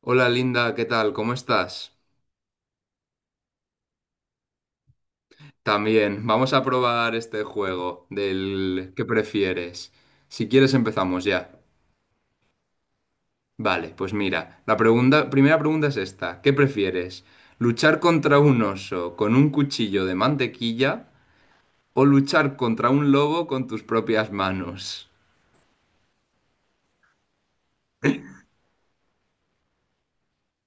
Hola Linda, ¿qué tal? ¿Cómo estás? También, vamos a probar este juego del ¿qué prefieres? Si quieres empezamos ya. Vale, pues mira, primera pregunta es esta. ¿Qué prefieres? ¿Luchar contra un oso con un cuchillo de mantequilla o luchar contra un lobo con tus propias manos?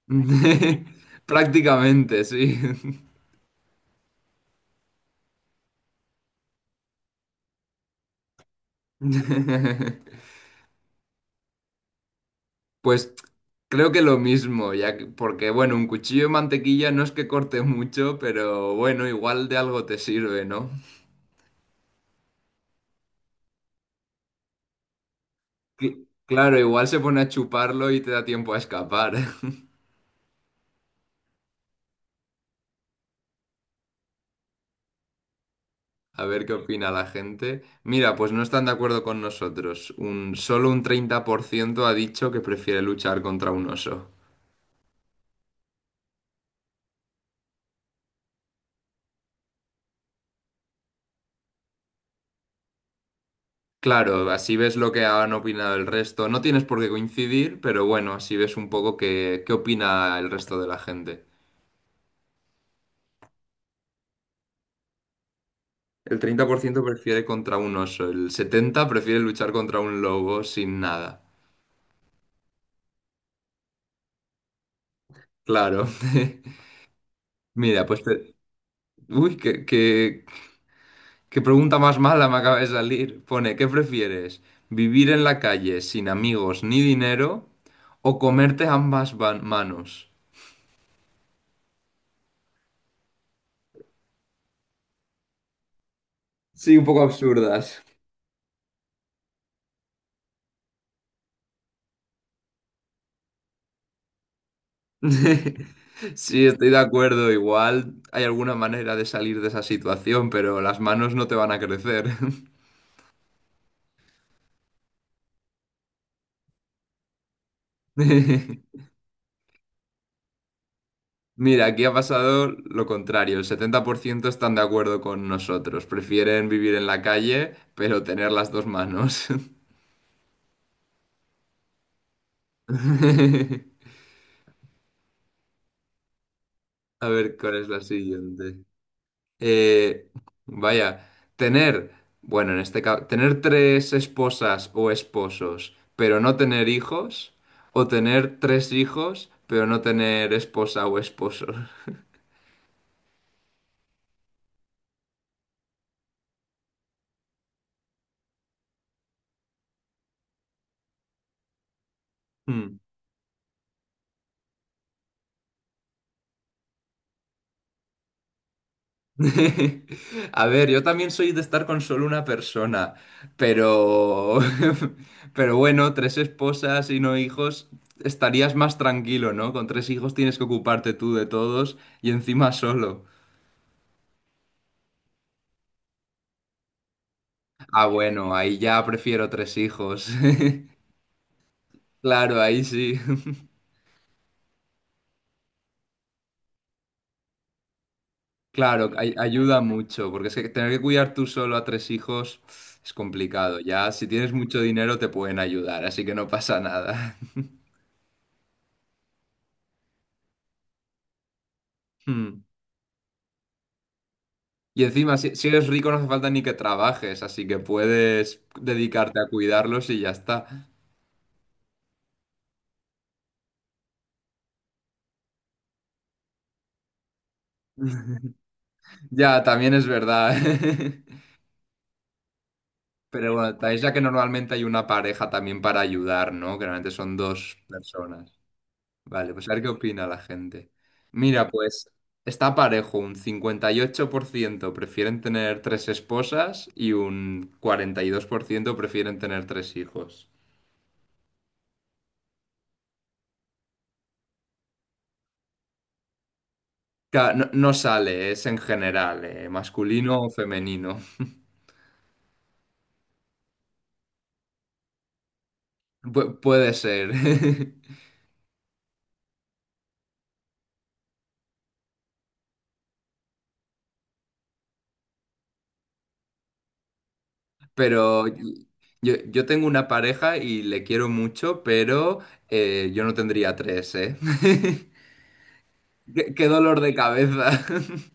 Prácticamente, sí. Pues creo que lo mismo, porque bueno, un cuchillo de mantequilla no es que corte mucho, pero bueno, igual de algo te sirve, ¿no? Claro, igual se pone a chuparlo y te da tiempo a escapar. A ver qué opina la gente. Mira, pues no están de acuerdo con nosotros. Solo un 30% ha dicho que prefiere luchar contra un oso. Claro, así ves lo que han opinado el resto. No tienes por qué coincidir, pero bueno, así ves un poco qué opina el resto de la gente. El 30% prefiere contra un oso, el 70% prefiere luchar contra un lobo sin nada. Claro. Mira, Uy, qué pregunta más mala me acaba de salir. Pone, ¿qué prefieres? ¿Vivir en la calle sin amigos ni dinero o comerte ambas manos? Sí, un poco absurdas. Sí, estoy de acuerdo. Igual hay alguna manera de salir de esa situación, pero las manos no te van a crecer. Mira, aquí ha pasado lo contrario. El 70% están de acuerdo con nosotros. Prefieren vivir en la calle, pero tener las dos manos. A ver, ¿cuál es la siguiente? Eh, Vaya, tener, bueno, en este caso, tener tres esposas o esposos, pero no tener hijos, o tener tres hijos, pero no tener esposa o esposo. A ver, yo también soy de estar con solo una persona, pero, pero bueno, tres esposas y no hijos, estarías más tranquilo, ¿no? Con tres hijos tienes que ocuparte tú de todos y encima solo. Ah, bueno, ahí ya prefiero tres hijos. Claro, ahí sí. Claro, ayuda mucho, porque es que tener que cuidar tú solo a tres hijos es complicado. Ya, si tienes mucho dinero te pueden ayudar, así que no pasa nada. Y encima, si eres rico no hace falta ni que trabajes, así que puedes dedicarte a cuidarlos y ya está. Ya, también es verdad. Pero bueno, también ya que normalmente hay una pareja también para ayudar, ¿no? Que normalmente son dos personas. Vale, pues a ver qué opina la gente. Mira, pues está parejo, un 58% prefieren tener tres esposas y un 42% prefieren tener tres hijos. No, no sale, es en general, masculino o femenino. Puede ser, pero bueno. Yo tengo una pareja y le quiero mucho, pero yo no tendría tres, ¿eh? Qué dolor de cabeza.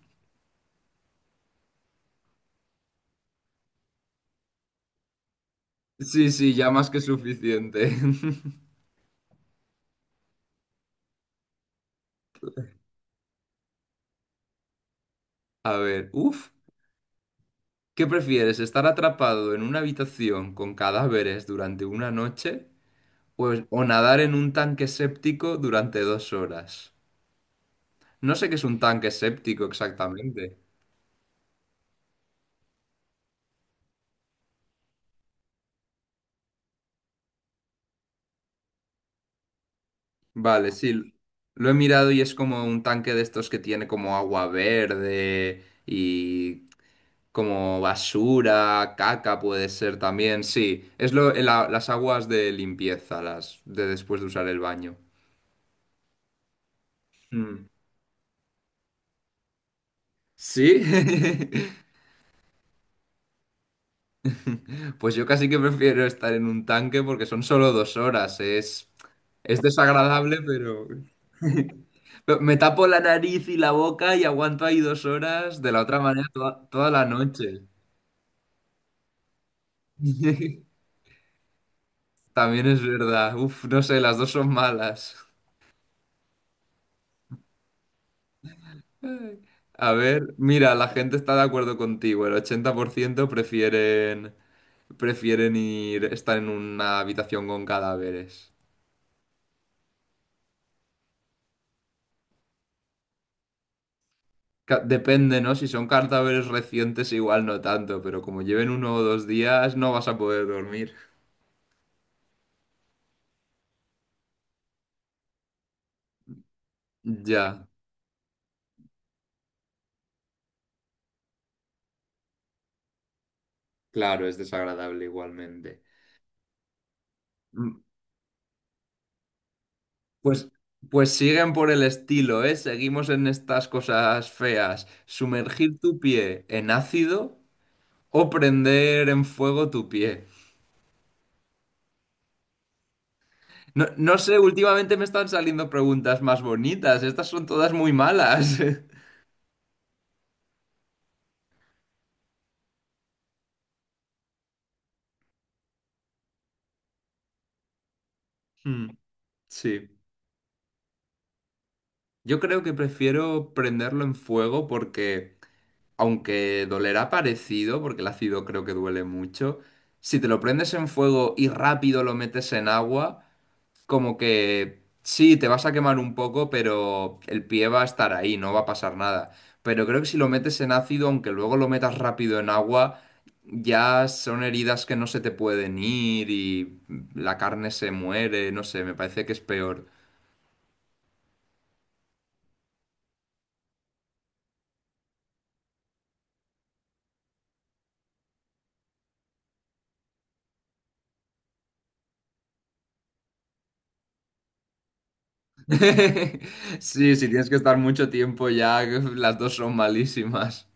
Sí, sí, ya más que suficiente. A ver, uff, ¿qué prefieres? ¿Estar atrapado en una habitación con cadáveres durante una noche o, nadar en un tanque séptico durante 2 horas? No sé qué es un tanque séptico exactamente. Vale, sí, lo he mirado y es como un tanque de estos que tiene como agua verde y como basura, caca puede ser también, sí, las aguas de limpieza, las de después de usar el baño. Mm. ¿Sí? Pues yo casi que prefiero estar en un tanque porque son solo 2 horas, es desagradable, pero. Pero me tapo la nariz y la boca y aguanto ahí 2 horas, de la otra manera toda la noche. También es verdad. Uf, no sé, las dos son malas. A ver, mira, la gente está de acuerdo contigo. El 80% prefieren estar en una habitación con cadáveres. Depende, ¿no? Si son cadáveres recientes, igual no tanto, pero como lleven 1 o 2 días, no vas a poder dormir. Ya, claro, es desagradable igualmente. Pues, pues siguen por el estilo, ¿eh? Seguimos en estas cosas feas. Sumergir tu pie en ácido o prender en fuego tu pie. No, no sé, últimamente me están saliendo preguntas más bonitas. Estas son todas muy malas. Hmm. Sí. Yo creo que prefiero prenderlo en fuego porque, aunque dolerá parecido, porque el ácido creo que duele mucho, si te lo prendes en fuego y rápido lo metes en agua, como que sí, te vas a quemar un poco, pero el pie va a estar ahí, no va a pasar nada. Pero creo que si lo metes en ácido, aunque luego lo metas rápido en agua, ya son heridas que no se te pueden ir y la carne se muere, no sé, me parece que es peor. Sí, si tienes que estar mucho tiempo ya, las dos son malísimas.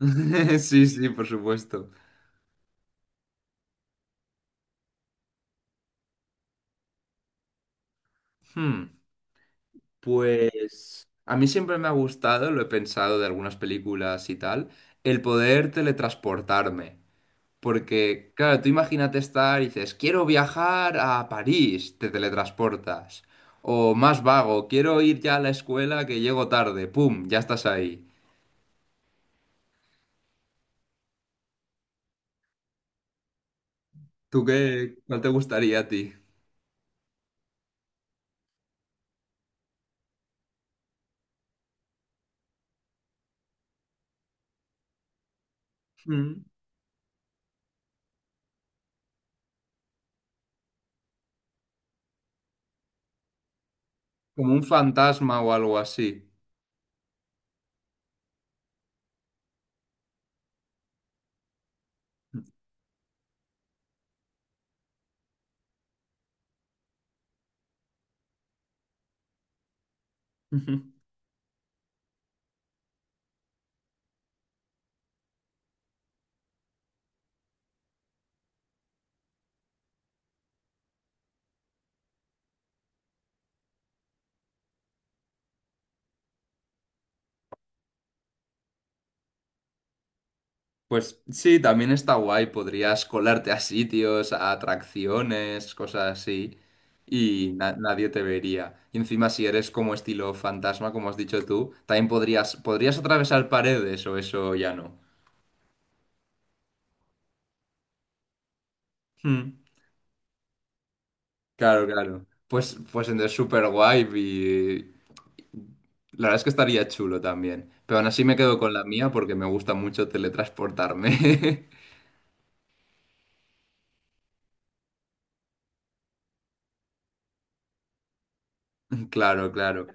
Sí, sí, por supuesto. Hmm. Pues a mí siempre me ha gustado, lo he pensado de algunas películas y tal, el poder teletransportarme. Porque, claro, tú imagínate estar y dices, quiero viajar a París, te teletransportas. O más vago, quiero ir ya a la escuela que llego tarde, ¡pum! Ya estás ahí. ¿Tú qué? ¿Cuál te gustaría a ti? Mm, Como un fantasma o algo así. Pues sí, también está guay, podrías colarte a sitios, a atracciones, cosas así, y nadie te vería. Y encima si eres como estilo fantasma, como has dicho tú, también podrías, atravesar paredes o eso ya no. Hmm, claro, claro. Pues entonces súper guay y la verdad es que estaría chulo también. Pero aún así me quedo con la mía porque me gusta mucho teletransportarme. Claro, claro.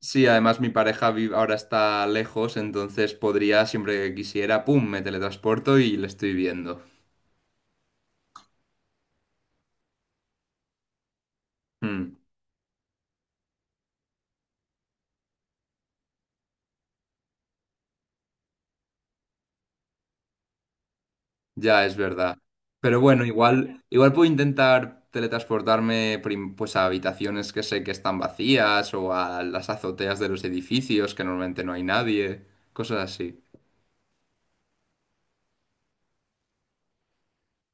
Sí, además mi pareja ahora está lejos, entonces podría, siempre que quisiera, ¡pum!, me teletransporto y le estoy viendo. Hmm, ya es verdad. Pero bueno, igual puedo intentar teletransportarme pues a habitaciones que sé que están vacías o a las azoteas de los edificios que normalmente no hay nadie, cosas así.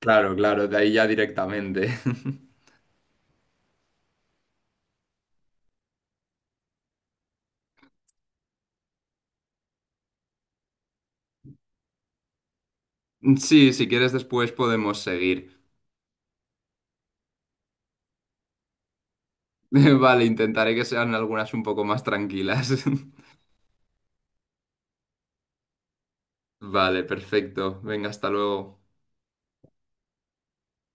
Claro, claro, de ahí ya directamente. Sí, si quieres después podemos seguir. Vale, intentaré que sean algunas un poco más tranquilas. Vale, perfecto. Venga, hasta luego.